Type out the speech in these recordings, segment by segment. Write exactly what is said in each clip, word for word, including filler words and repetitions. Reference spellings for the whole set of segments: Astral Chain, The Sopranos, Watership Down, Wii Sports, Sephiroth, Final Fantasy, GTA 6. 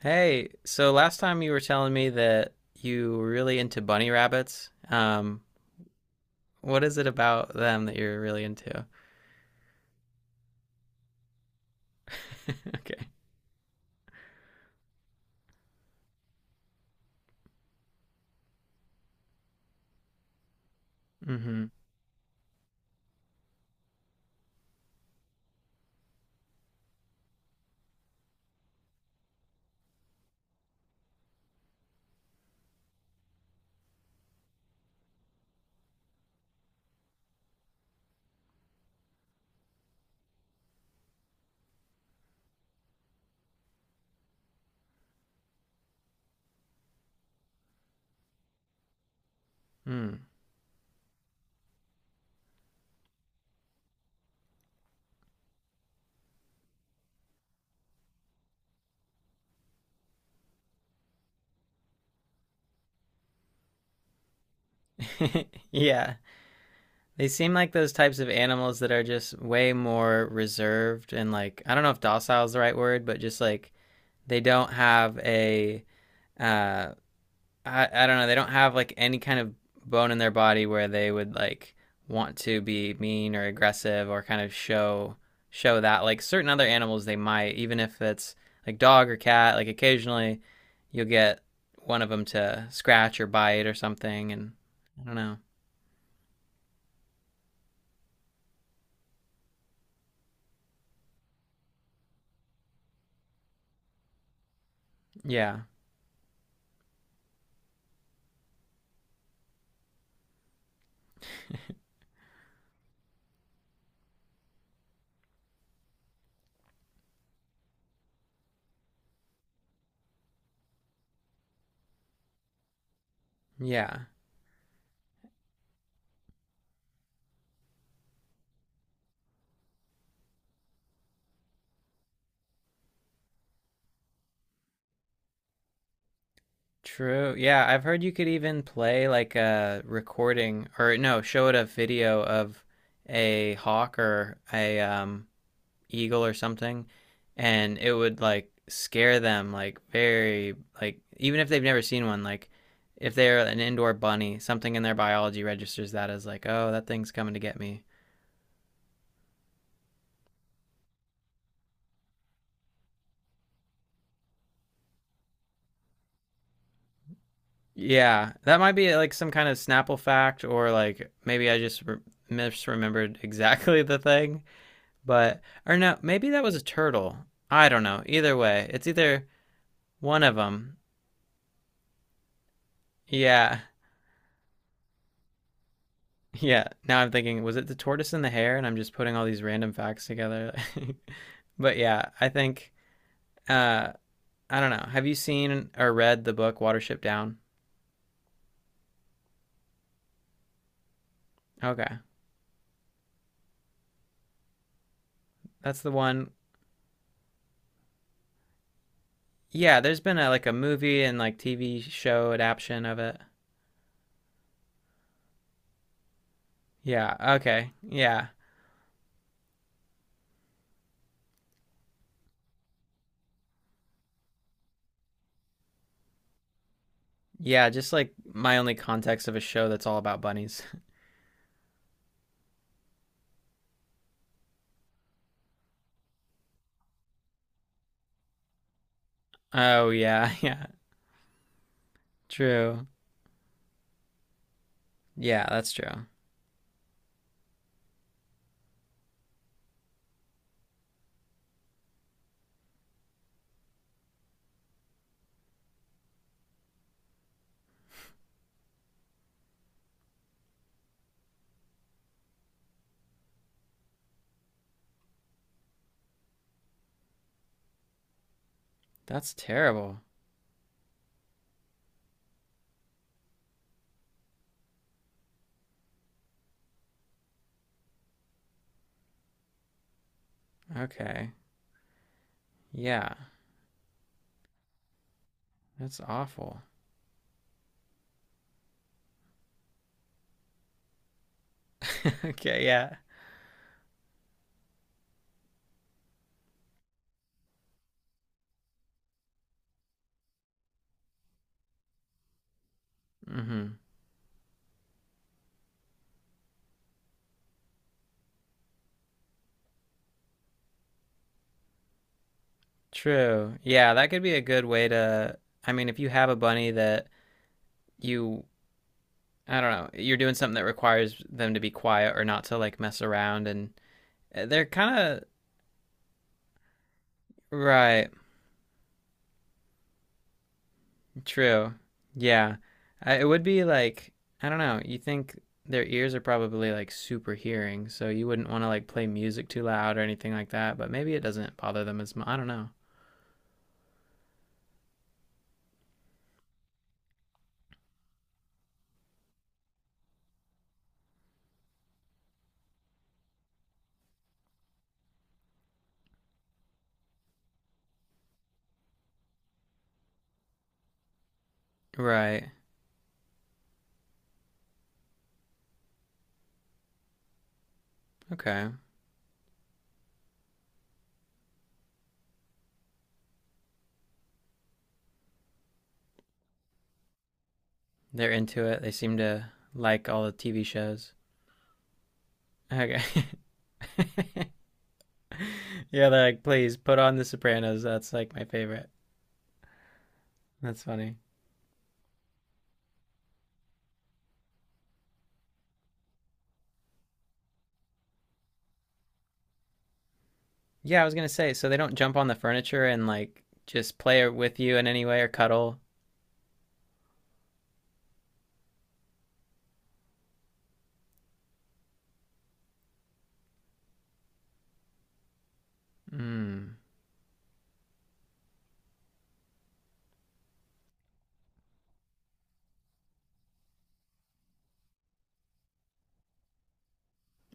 Hey, so last time you were telling me that you were really into bunny rabbits. Um, what is it about them that you're really into? Okay. Mm-hmm. Mm. Yeah. They seem like those types of animals that are just way more reserved and like I don't know if docile is the right word, but just like they don't have a uh I, I don't know. They don't have like any kind of bone in their body where they would like want to be mean or aggressive or kind of show show that. Like certain other animals, they might, even if it's like dog or cat. Like occasionally, you'll get one of them to scratch or bite or something, and I don't know. Yeah, yeah, true. Yeah, I've heard you could even play like a recording or no, show it a video of a hawk or a um eagle or something, and it would like scare them like very, like even if they've never seen one, like if they're an indoor bunny, something in their biology registers that as like, oh, that thing's coming to get me. Yeah, that might be like some kind of snapple fact, or like maybe I just re- misremembered exactly the thing, but or no, maybe that was a turtle. I don't know, either way it's either one of them. Yeah. Yeah, now I'm thinking, was it the tortoise and the hare? And I'm just putting all these random facts together. But yeah, I think uh I don't know. Have you seen or read the book Watership Down? Okay. That's the one. Yeah, there's been a like a movie and like T V show adaptation of it. Yeah, okay. Yeah. Yeah, just like my only context of a show that's all about bunnies. Oh yeah, yeah. True. Yeah, that's true. That's terrible. Okay. Yeah. That's awful. Okay, yeah. Hmm. True. Yeah, that could be a good way to. I mean, if you have a bunny that you, I don't know, you're doing something that requires them to be quiet or not to like mess around, and uh, they're kind of right. True. Yeah, I, it would be like I don't know. You think their ears are probably like super hearing, so you wouldn't want to like play music too loud or anything like that. But maybe it doesn't bother them as much. I don't know. Right. Okay. They're into it. They seem to like all the T V shows. Okay. Yeah, they're like, please put on The Sopranos. That's like my favorite. That's funny. Yeah, I was gonna say, so they don't jump on the furniture and like just play with you in any way or cuddle. Hmm.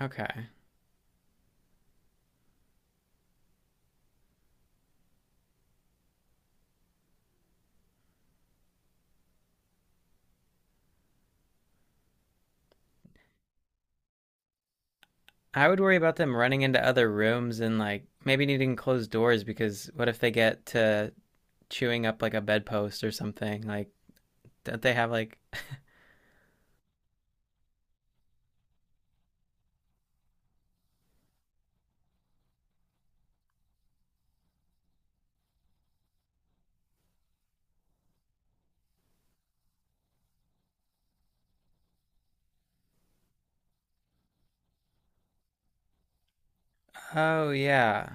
Okay. I would worry about them running into other rooms and like maybe needing closed doors, because what if they get to chewing up like a bedpost or something? Like, don't they have like? Oh yeah.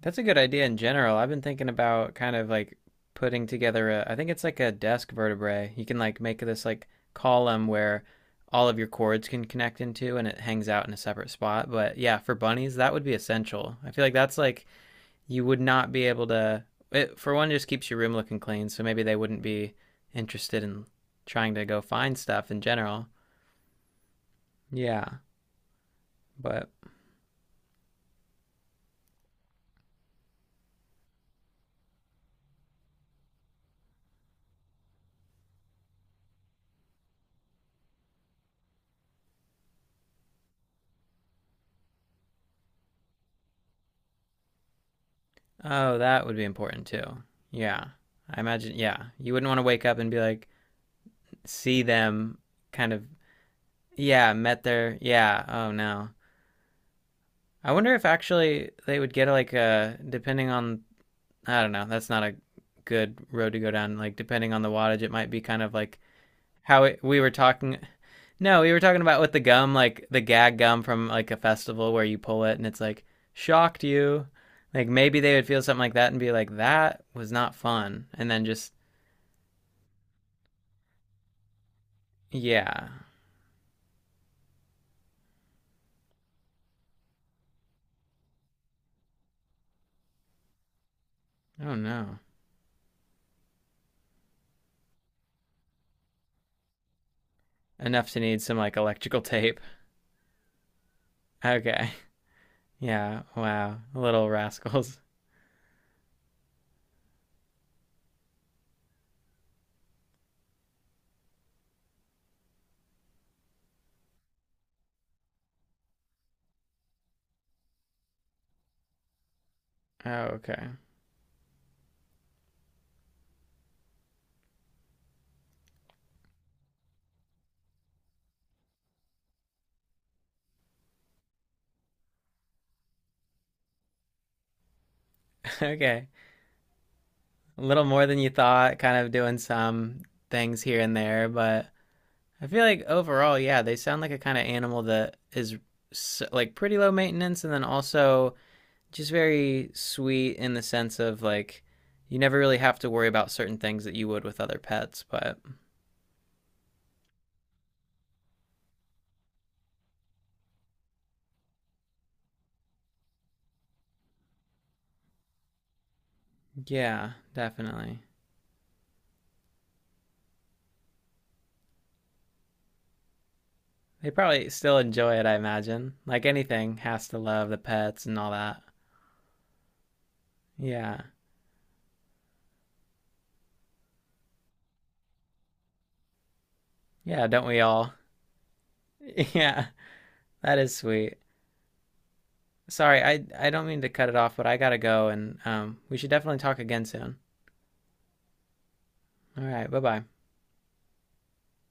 That's a good idea in general. I've been thinking about kind of like putting together a, I think it's like a desk vertebrae. You can like make this like column where all of your cords can connect into and it hangs out in a separate spot. But yeah, for bunnies, that would be essential. I feel like that's like you would not be able to, it, for one, just keeps your room looking clean. So maybe they wouldn't be interested in trying to go find stuff in general. Yeah. But oh, that would be important too. Yeah. I imagine, yeah. You wouldn't want to wake up and be like, see them kind of, yeah, met their, yeah, oh no, I wonder if actually they would get like a, depending on, I don't know, that's not a good road to go down. Like depending on the wattage it might be kind of like how it, we were talking, no, we were talking about with the gum, like the gag gum from like a festival where you pull it and it's like shocked you, like maybe they would feel something like that and be like that was not fun and then just yeah I don't know enough to need some like electrical tape. Okay. Yeah, wow. Little rascals. Oh, okay. Okay. A little more than you thought, kind of doing some things here and there, but I feel like overall, yeah, they sound like a kind of animal that is s like pretty low maintenance, and then also just very sweet in the sense of like you never really have to worry about certain things that you would with other pets, but yeah, definitely. They probably still enjoy it, I imagine. Like anything has to love the pets and all that. Yeah. Yeah, don't we all? Yeah, that is sweet. Sorry, I I don't mean to cut it off, but I gotta go, and um, we should definitely talk again soon. All right, bye bye.